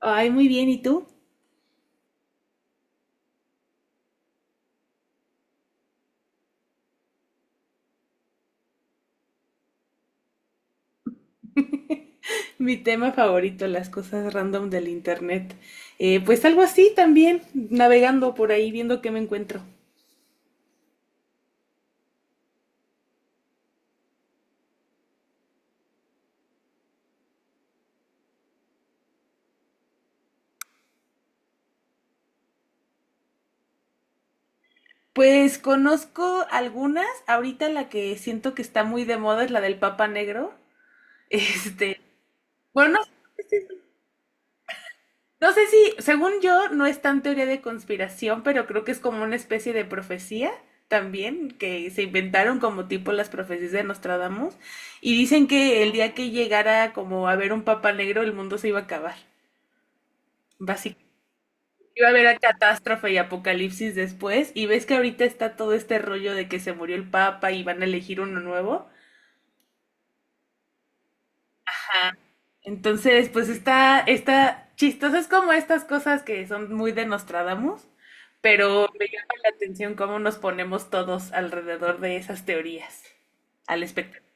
Ay, muy bien, ¿y tú? Mi tema favorito, las cosas random del internet. Pues algo así también, navegando por ahí, viendo qué me encuentro. Pues conozco algunas, ahorita la que siento que está muy de moda es la del Papa Negro. Este, bueno, no sé si, según yo, no es tan teoría de conspiración, pero creo que es como una especie de profecía también, que se inventaron como tipo las profecías de Nostradamus, y dicen que el día que llegara como a ver un Papa Negro, el mundo se iba a acabar. Básicamente iba a haber a catástrofe y apocalipsis después, y ves que ahorita está todo este rollo de que se murió el Papa y van a elegir uno nuevo. Entonces, pues está chistoso, es como estas cosas que son muy de Nostradamus, pero me llama la atención cómo nos ponemos todos alrededor de esas teorías, al espectáculo.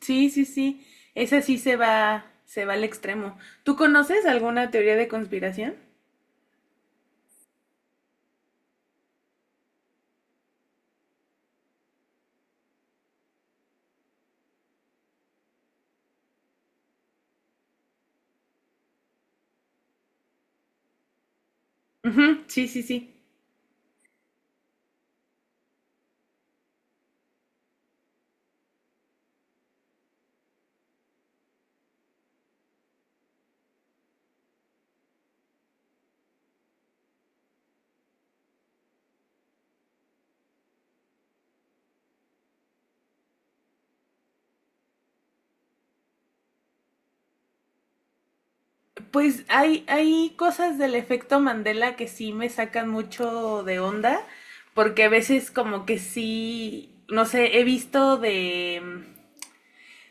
Sí, sí, sí, esa sí se va al extremo. ¿Tú conoces alguna teoría de conspiración? Ujú. Sí, sí, sí. Pues hay cosas del efecto Mandela que sí me sacan mucho de onda, porque a veces como que sí, no sé, he visto de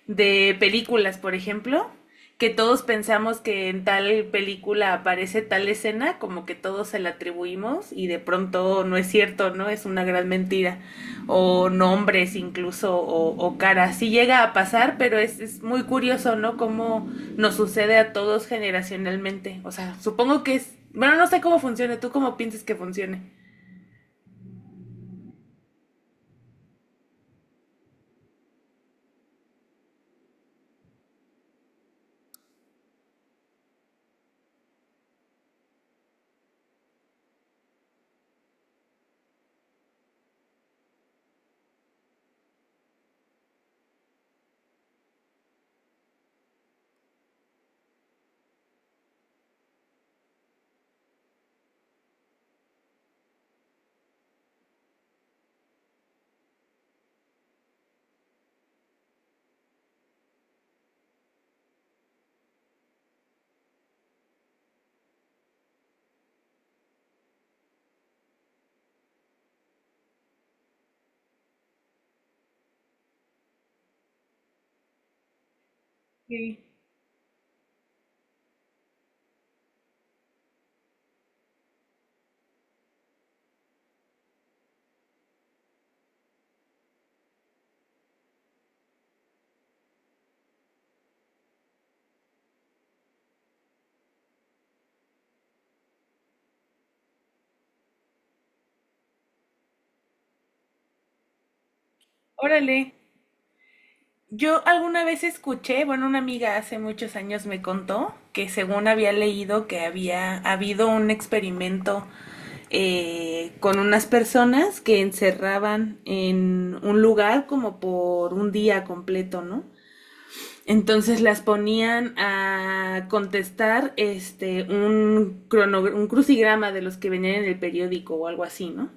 de películas, por ejemplo, que todos pensamos que en tal película aparece tal escena, como que todos se la atribuimos y de pronto no es cierto, ¿no? Es una gran mentira. O nombres incluso, o caras. Sí llega a pasar, pero es muy curioso, ¿no? Cómo nos sucede a todos generacionalmente. O sea, supongo que es... Bueno, no sé cómo funciona, ¿tú cómo piensas que funcione? Sí. Órale. Yo alguna vez escuché, bueno, una amiga hace muchos años me contó que según había leído que había habido un experimento con unas personas que encerraban en un lugar como por un día completo, ¿no? Entonces las ponían a contestar este un un crucigrama de los que venían en el periódico o algo así, ¿no?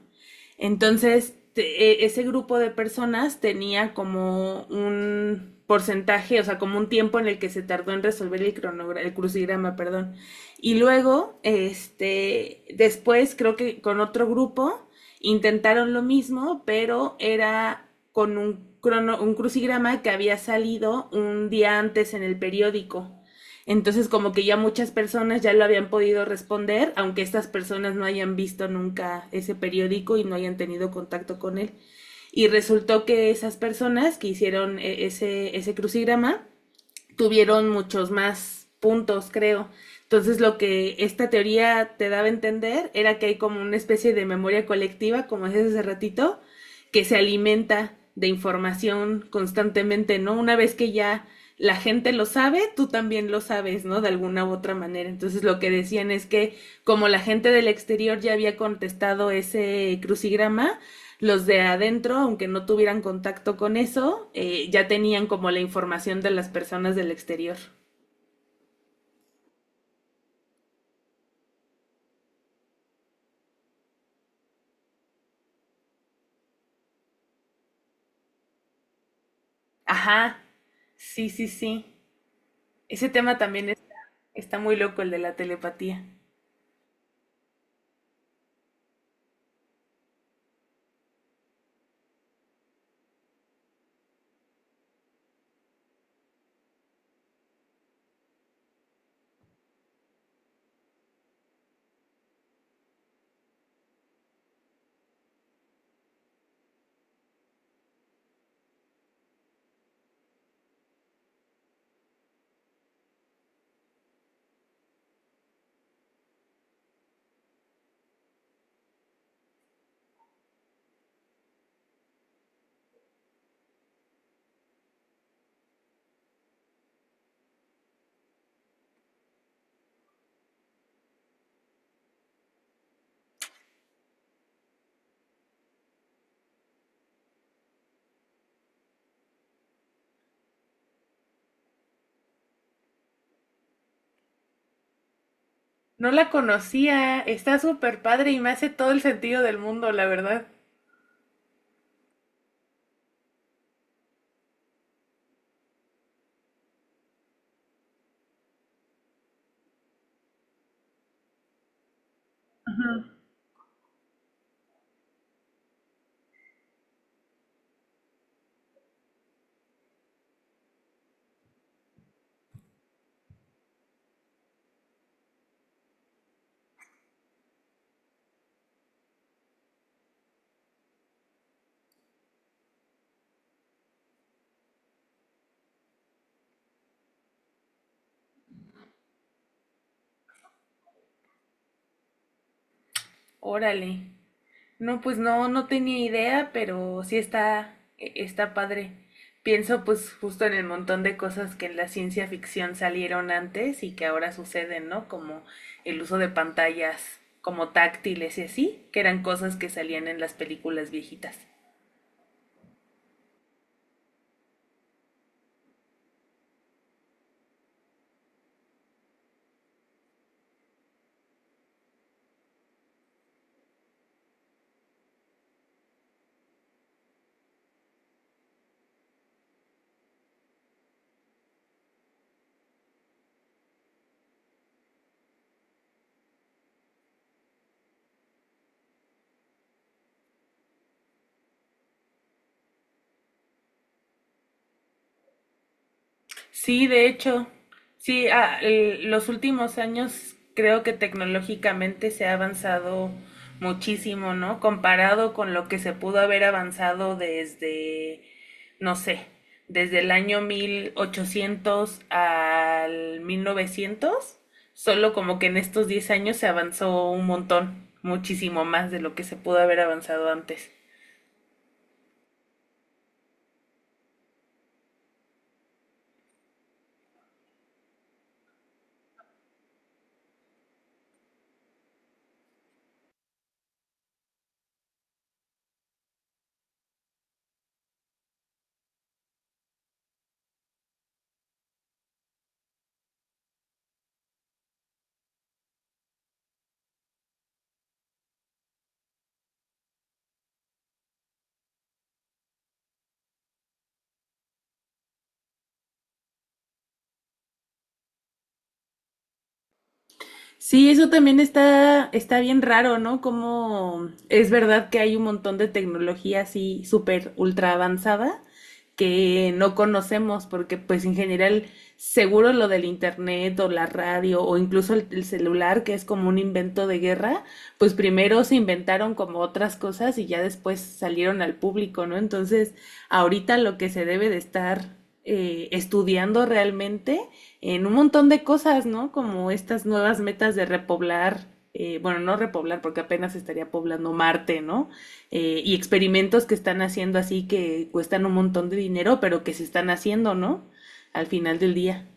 Entonces, ese grupo de personas tenía como un porcentaje, o sea, como un tiempo en el que se tardó en resolver el el crucigrama, perdón. Y luego, este, después creo que con otro grupo intentaron lo mismo, pero era con un un crucigrama que había salido un día antes en el periódico. Entonces como que ya muchas personas ya lo habían podido responder, aunque estas personas no hayan visto nunca ese periódico y no hayan tenido contacto con él. Y resultó que esas personas que hicieron ese crucigrama tuvieron muchos más puntos, creo. Entonces lo que esta teoría te daba a entender era que hay como una especie de memoria colectiva, como decías hace ratito, que se alimenta de información constantemente, ¿no? Una vez que ya la gente lo sabe, tú también lo sabes, ¿no? De alguna u otra manera. Entonces lo que decían es que como la gente del exterior ya había contestado ese crucigrama, los de adentro, aunque no tuvieran contacto con eso, ya tenían como la información de las personas del exterior. Ajá, sí, sí, sí. Ese tema también es- Está muy loco, el de la telepatía. No la conocía, está súper padre y me hace todo el sentido del mundo, la verdad. Órale. No, pues no, no tenía idea, pero sí está, está padre. Pienso pues justo en el montón de cosas que en la ciencia ficción salieron antes y que ahora suceden, ¿no? Como el uso de pantallas como táctiles y así, que eran cosas que salían en las películas viejitas. Sí, de hecho, sí, los últimos años creo que tecnológicamente se ha avanzado muchísimo, ¿no? Comparado con lo que se pudo haber avanzado desde, no sé, desde el año 1800 al 1900, solo como que en estos 10 años se avanzó un montón, muchísimo más de lo que se pudo haber avanzado antes. Sí, eso también está bien raro, ¿no? Como es verdad que hay un montón de tecnología así súper ultra avanzada que no conocemos porque pues en general seguro lo del internet o la radio o incluso el celular que es como un invento de guerra, pues primero se inventaron como otras cosas y ya después salieron al público, ¿no? Entonces ahorita lo que se debe de estar estudiando realmente en un montón de cosas, ¿no? Como estas nuevas metas de repoblar, bueno, no repoblar porque apenas estaría poblando Marte, ¿no? Y experimentos que están haciendo así que cuestan un montón de dinero, pero que se están haciendo, ¿no? Al final del día.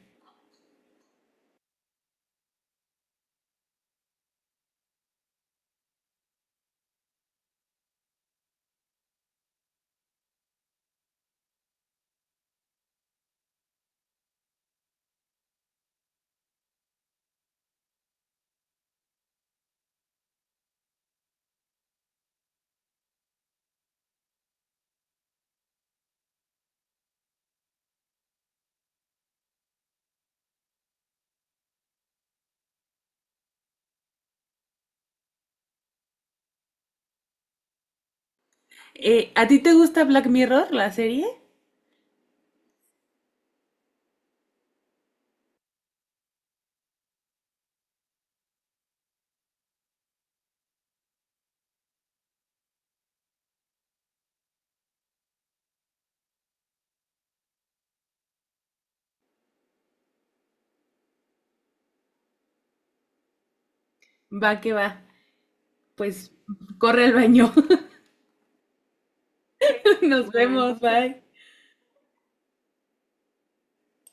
¿A ti te gusta Black Mirror, la serie? Va que va. Pues corre al baño. Nos vemos, bye.